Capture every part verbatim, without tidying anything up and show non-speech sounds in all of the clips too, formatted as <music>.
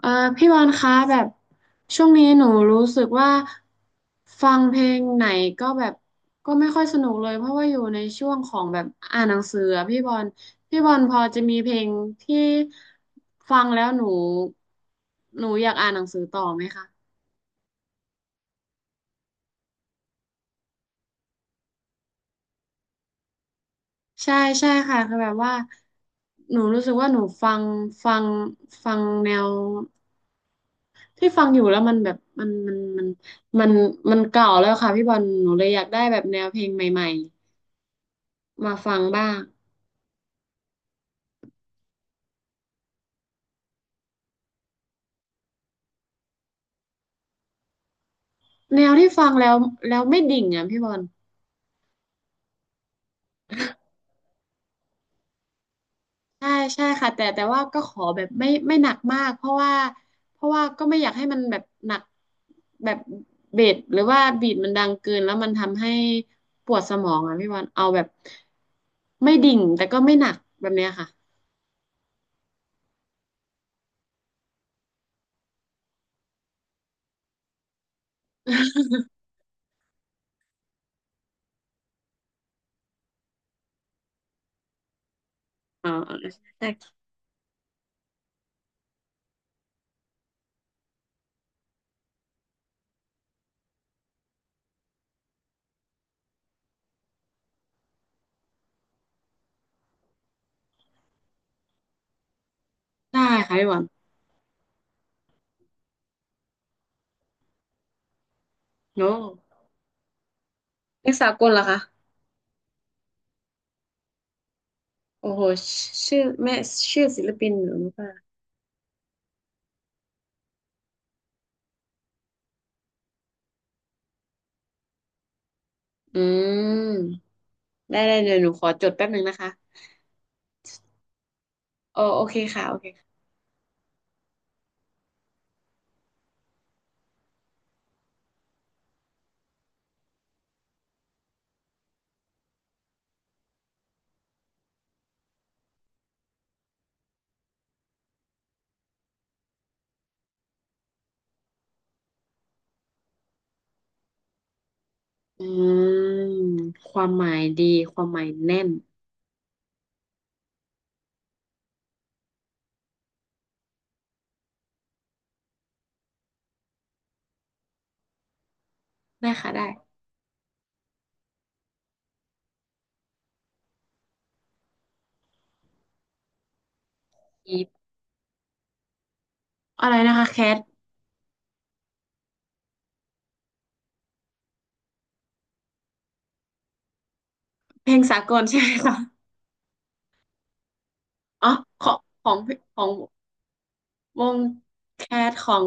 เอ่อพี่บอลคะแบบช่วงนี้หนูรู้สึกว่าฟังเพลงไหนก็แบบก็ไม่ค่อยสนุกเลยเพราะว่าอยู่ในช่วงของแบบอ่านหนังสืออะพี่บอลพี่บอลพอจะมีเพลงที่ฟังแล้วหนูหนูอยากอ่านหนังสือต่อไหมคะใช่ใช่ค่ะคือแบบว่าหนูรู้สึกว่าหนูฟังฟังฟังแนวที่ฟังอยู่แล้วมันแบบมันมันมันมันมันเก่าแล้วค่ะพี่บอลหนูเลยอยากได้แบบแนวเพลงใหม่ๆ มาฟังบ้างแนวที่ฟังแล้วแล้วไม่ดิ่งอ่ะพี่บอลใช่ใช่ค่ะแต่แต่ว่าก็ขอแบบไม่ไม่หนักมากเพราะว่าเพราะว่าก็ไม่อยากให้มันแบบหนักแบบเบสหรือว่าบีทมันดังเกินแล้วมันทำให้ปวดสมองอ่ะพี่บอลเอาแบบไม่ดิ่งแต่ก็ไม่หนักแบบเนี้ยค่ะอ่า่ได้ค่ะพี่บอลโอ้เพลงสากลเหรอคะโอ้โหชื่อแม่ชื่อศิลปินหนูรู้ป่ะอืมได้ได้เดี๋ยวหนูขอจดแป๊บหนึ่งนะคะ โอโอเคค่ะโอเคค่ะอืมความหมายดีความหมายแน่นได้ค่ะได้อีฟอะไรนะคะแคทเพลงสากลใช่ไหมคะอ๋อของของของวงแคทของ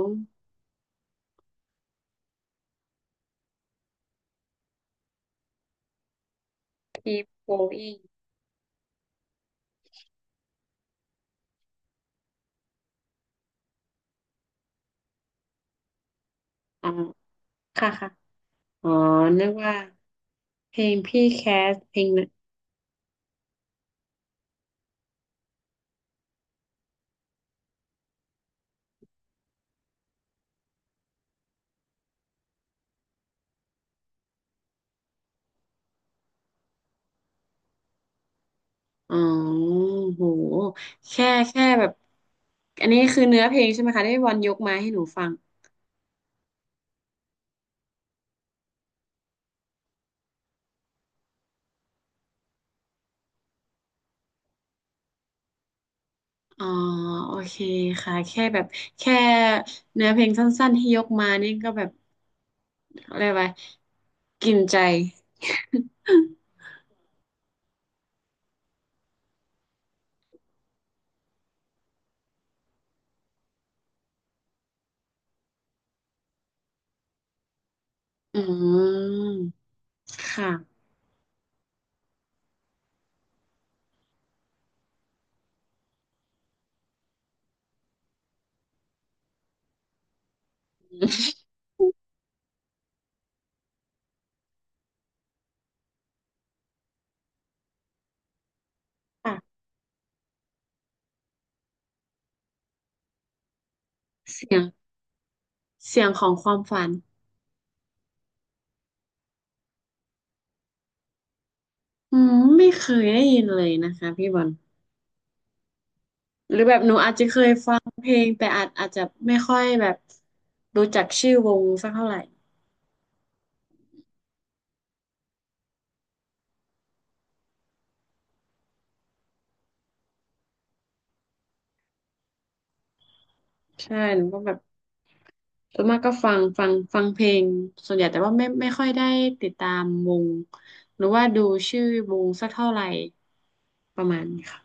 โบอิงอ๋อค่ะค่ะอ๋อนึกว่าเพลงพี่แคสเพลงนะอ๋อโหแค่แค่แบบอันนี้คือเนื้อเพลงใช่ไหมคะที่บอลยกมาให้หนูฟัง อ๋อโอเคค่ะแค่แบบแค่เนื้อเพลงสั้นๆที่ยกมานี่ก็แบบอะไรวะกินใจอืมค่ะค่ะเสียงเสียงของความฝันอืมไม่เคยได้ยินเลยนะคะพี่บอลหรือแบบหนูอาจจะเคยฟังเพลงแต่อาจอาจจะไม่ค่อยแบบรู้จักชื่อวงสักเท่าไหร่ใช่หนูก็แบบ ส่วนมากก็ฟังฟังฟังเพลงส่วนใหญ่แต่ว่าไม่ไม่ค่อยได้ติดตามวงหรือว่าดูชื่อวงสักเท่าไหร่ประมาณนี้ค่ะ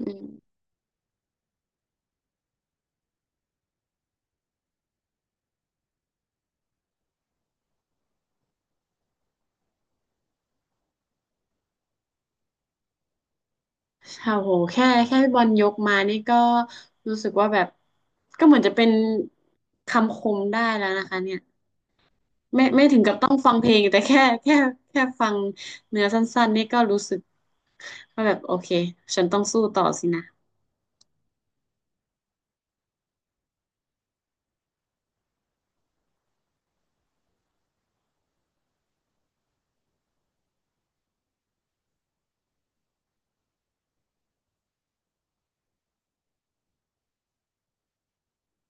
อืมโอ้โหแค่แค่พี่บอลยกมานี่ก็รู้สึกว่าแบบก็เหมือนจะเป็นคำคมได้แล้วนะคะเนี่ยไม่ไม่ถึงกับต้องฟังเพลงแต่แค่แค่แค่ฟังเนื้อสั้นๆนี่ก็รู้สึกว่าแบบโอเคฉันต้องสู้ต่อสินะ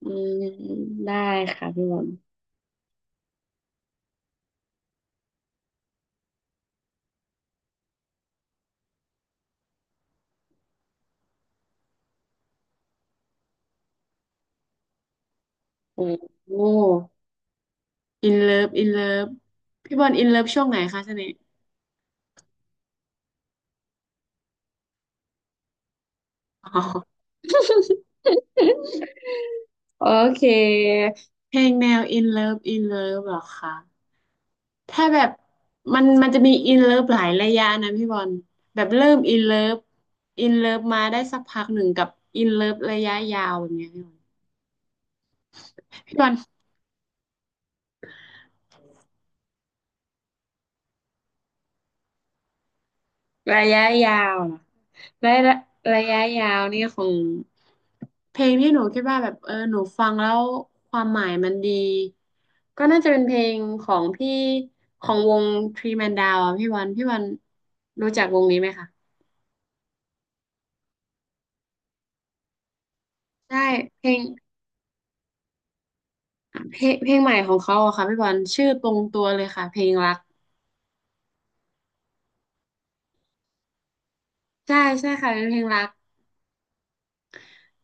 อืมได้ค่ะพี่บอลโอ้โห อินเลิฟอินเลิฟพี่บอลอินเลิฟช่วงไหนคะช่วงนี้อ๋อโอเคเพลงแนวอินเลิฟอินเลิฟหรอคะถ้าแบบมันมันจะมีอินเลิฟหลายระยะนะพี่บอลแบบเริ่มอินเลิฟอินเลิฟมาได้สักพักหนึ่งกับอินเลิฟระยะยาวแบบเนี้ยพี่บอล ระยะยาวเหรอระยะระยะยาวนี่คงเพลงที่หนูคิดว่าแบบเออหนูฟังแล้วความหมายมันดีก็น่าจะเป็นเพลงของพี่ของวงทรีแมนดาวอ่ะพี่วันพี่วันรู้จักวงนี้ไหมคะใช่เพลงเพลงเพลงใหม่ของเขาอะค่ะพี่วันชื่อตรงตัวเลยค่ะเพลงรักใช่ใช่ค่ะเป็นเพลงรัก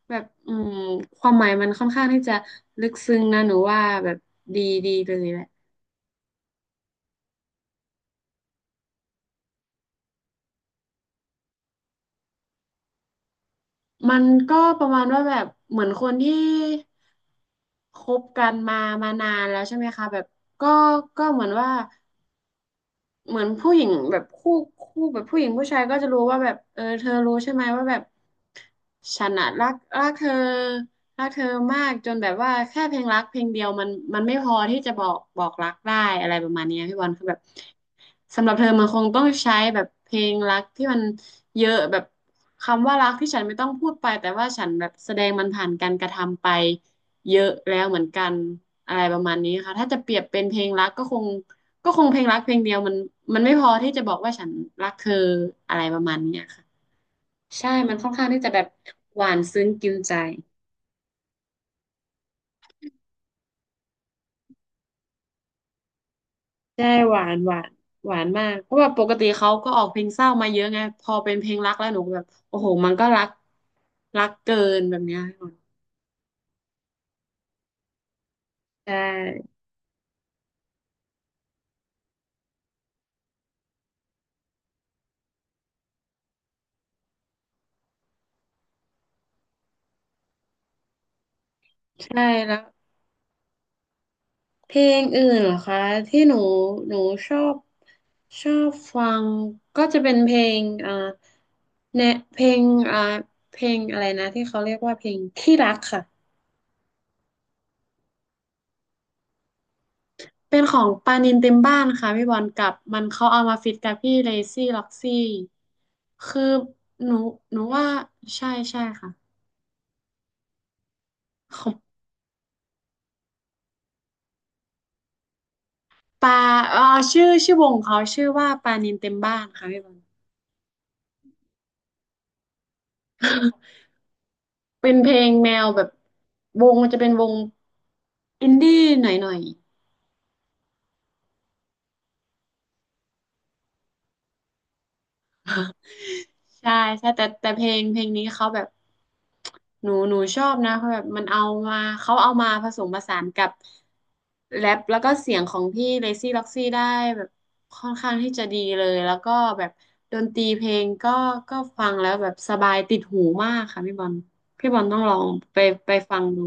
แบบอืมความหมายมันค่อนข้างที่จะลึกซึ้งนะหนูว่าแบบดีดีเลยแหละ มันก็ประมาณว่าแบบเหมือนคนที่คบกันมามานานแล้วใช่ไหมคะแบบก็ก็เหมือนว่า เหมือนผู้หญิงแบบคู่คู่แบบผู้หญิงผู้ชายก็จะรู้ว่าแบบเออเธอรู้ใช่ไหมว่าแบบฉันอะรักรักเธอรักเธอมากจนแบบว่าแค่เพลงรักเพลงเดียวมันมันไม่พอที่จะบอกบอกรักได้อะไรประมาณเนี้ยพี่บอลคือแบบสำหรับเธอมันคงต้องใช้แบบเพลงรักที่มันเยอะแบบคำว่ารักที่ฉันไม่ต้องพูดไปแต่ว่าฉันแบบแสดงมันผ่านการกระทำไปเยอะแล้วเหมือนกันอะไรประมาณนี้ค่ะถ้าจะเปรียบเป็นเพลงรักก็คง ก็คงเพลงรักเพลงเดียวมันมันไม่พอที่จะบอกว่าฉันรักเธออะไรประมาณเนี้ยค่ะใช่มันค่อนข้างที่จะแบบหวานซึ้งกินใจใช่หวานหวานหวานมากเพราะว่าปกติเขาก็ออกเพลงเศร้ามาเยอะไงพอเป็นเพลงรักแล้วหนูก็แบบโอ้โหมันก็รักรักเกินแบบเนี้ยค่ะใช่ใช่แล้ว เพลงอื่นเหรอคะที่หนูหนูชอบชอบฟังก็จะเป็นเพลงอ่าแนเพลงอ่าเพลงอะไรนะที่เขาเรียกว่าเพลงที่รักค่ะเป็นของปานินเต็มบ้านค่ะพี่บอลกับมันเขาเอามาฟิตกับพี่เลซี่ล็อกซี่คือหนูหนูว่าใช่ใช่ค่ะของปาเอ่อชื่อชื่อวงเขาชื่อว่าปานินเต็มบ้านค่ะพี่บอล เป็นเพลงแนวแบบวงมันจะเป็นวงอินดี้หน่อยหน่อย <laughs> ใช่ใช่แต่แต่เพลงเพลงนี้เขาแบบหนูหนูชอบนะเขาแบบมันเอามาเขาเอามาผสมผสานกับแรปแล้วก็เสียงของพี่เลซี่ล็อกซี่ได้แบบค่อนข้างที่จะดีเลยแล้วก็แบบดนตรีเพลงก็ก็ฟังแล้วแบบสบายติดหูมากค่ะพี่บอลพี่บอลต้องลองไปไปฟังดู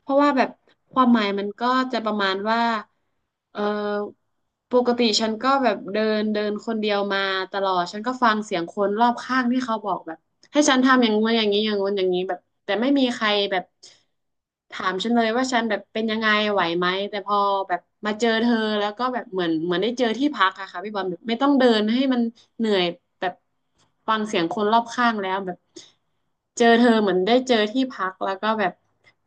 เพราะว่าแบบความหมายมันก็จะประมาณว่าเออปกติฉันก็แบบเดินเดินคนเดียวมาตลอด ฉันก็ฟังเสียงคนรอบข้างที่เขาบอกแบบ ให้ฉันทำอย่างงู้นอย่างนี้อย่างงู้นอย่างนี้แบบแต่ไม่มีใครแบบถามฉันเลยว่าฉันแบบเป็นยังไงไหวไหมแต่พอแบบมาเจอเธอแล้วก็แบบเหมือนเหมือนได้เจอที่พักอะค่ะพี่บอลแบบไม่ต้องเดินให้มันเหนื่อยแบบฟังเสียงคนรอบข้างแล้วแบบเจอเธอเหมือนได้เจอที่พักแล้วก็แบบ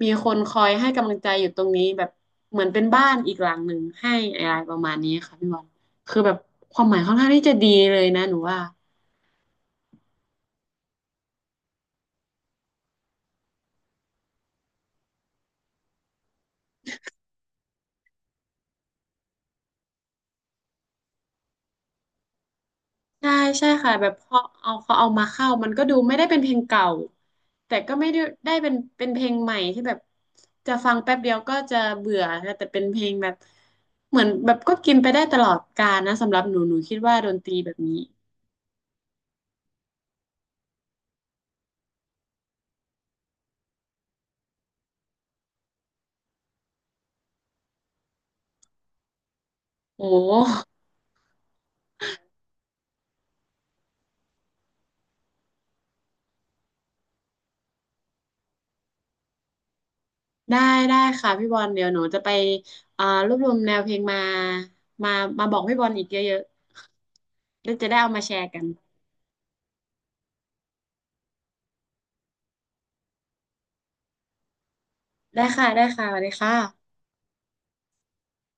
มีคนคอยให้กำลังใจอยู่ตรงนี้แบบเหมือนเป็นบ้านอีกหลังหนึ่งให้อะไรประมาณนี้ค่ะพี่บอลคือแบบความหมายค่อนข้างที่จะดีเลยนะหนูว่า ใช่ใช่ค่ะแบบพอเอาเขาเอามาเข้ามันก็ดูไม่ได้เป็นเพลงเก่าแต่ก็ไม่ได้ได้เป็นเป็นเพลงใหม่ที่แบบจะฟังแป๊บเดียวก็จะเบื่อค่ะแต่เป็นเพลงแบบเหมือนแบบก็กินไปได้ตลอดกาลนะสำหรับหนูหนูคิดว่าดนตรีแบบนี้โอ้ได้ได้ค่ะพี่บอลเดี๋ยวหนูจะไปอ่ารวบรวมแนวเพลงมามามาบอกพี่บอลอีกเยอะๆแล้วจะได้เอามาแชร์กันได้ค่ะได้ค่ะสวัสดีค่ะ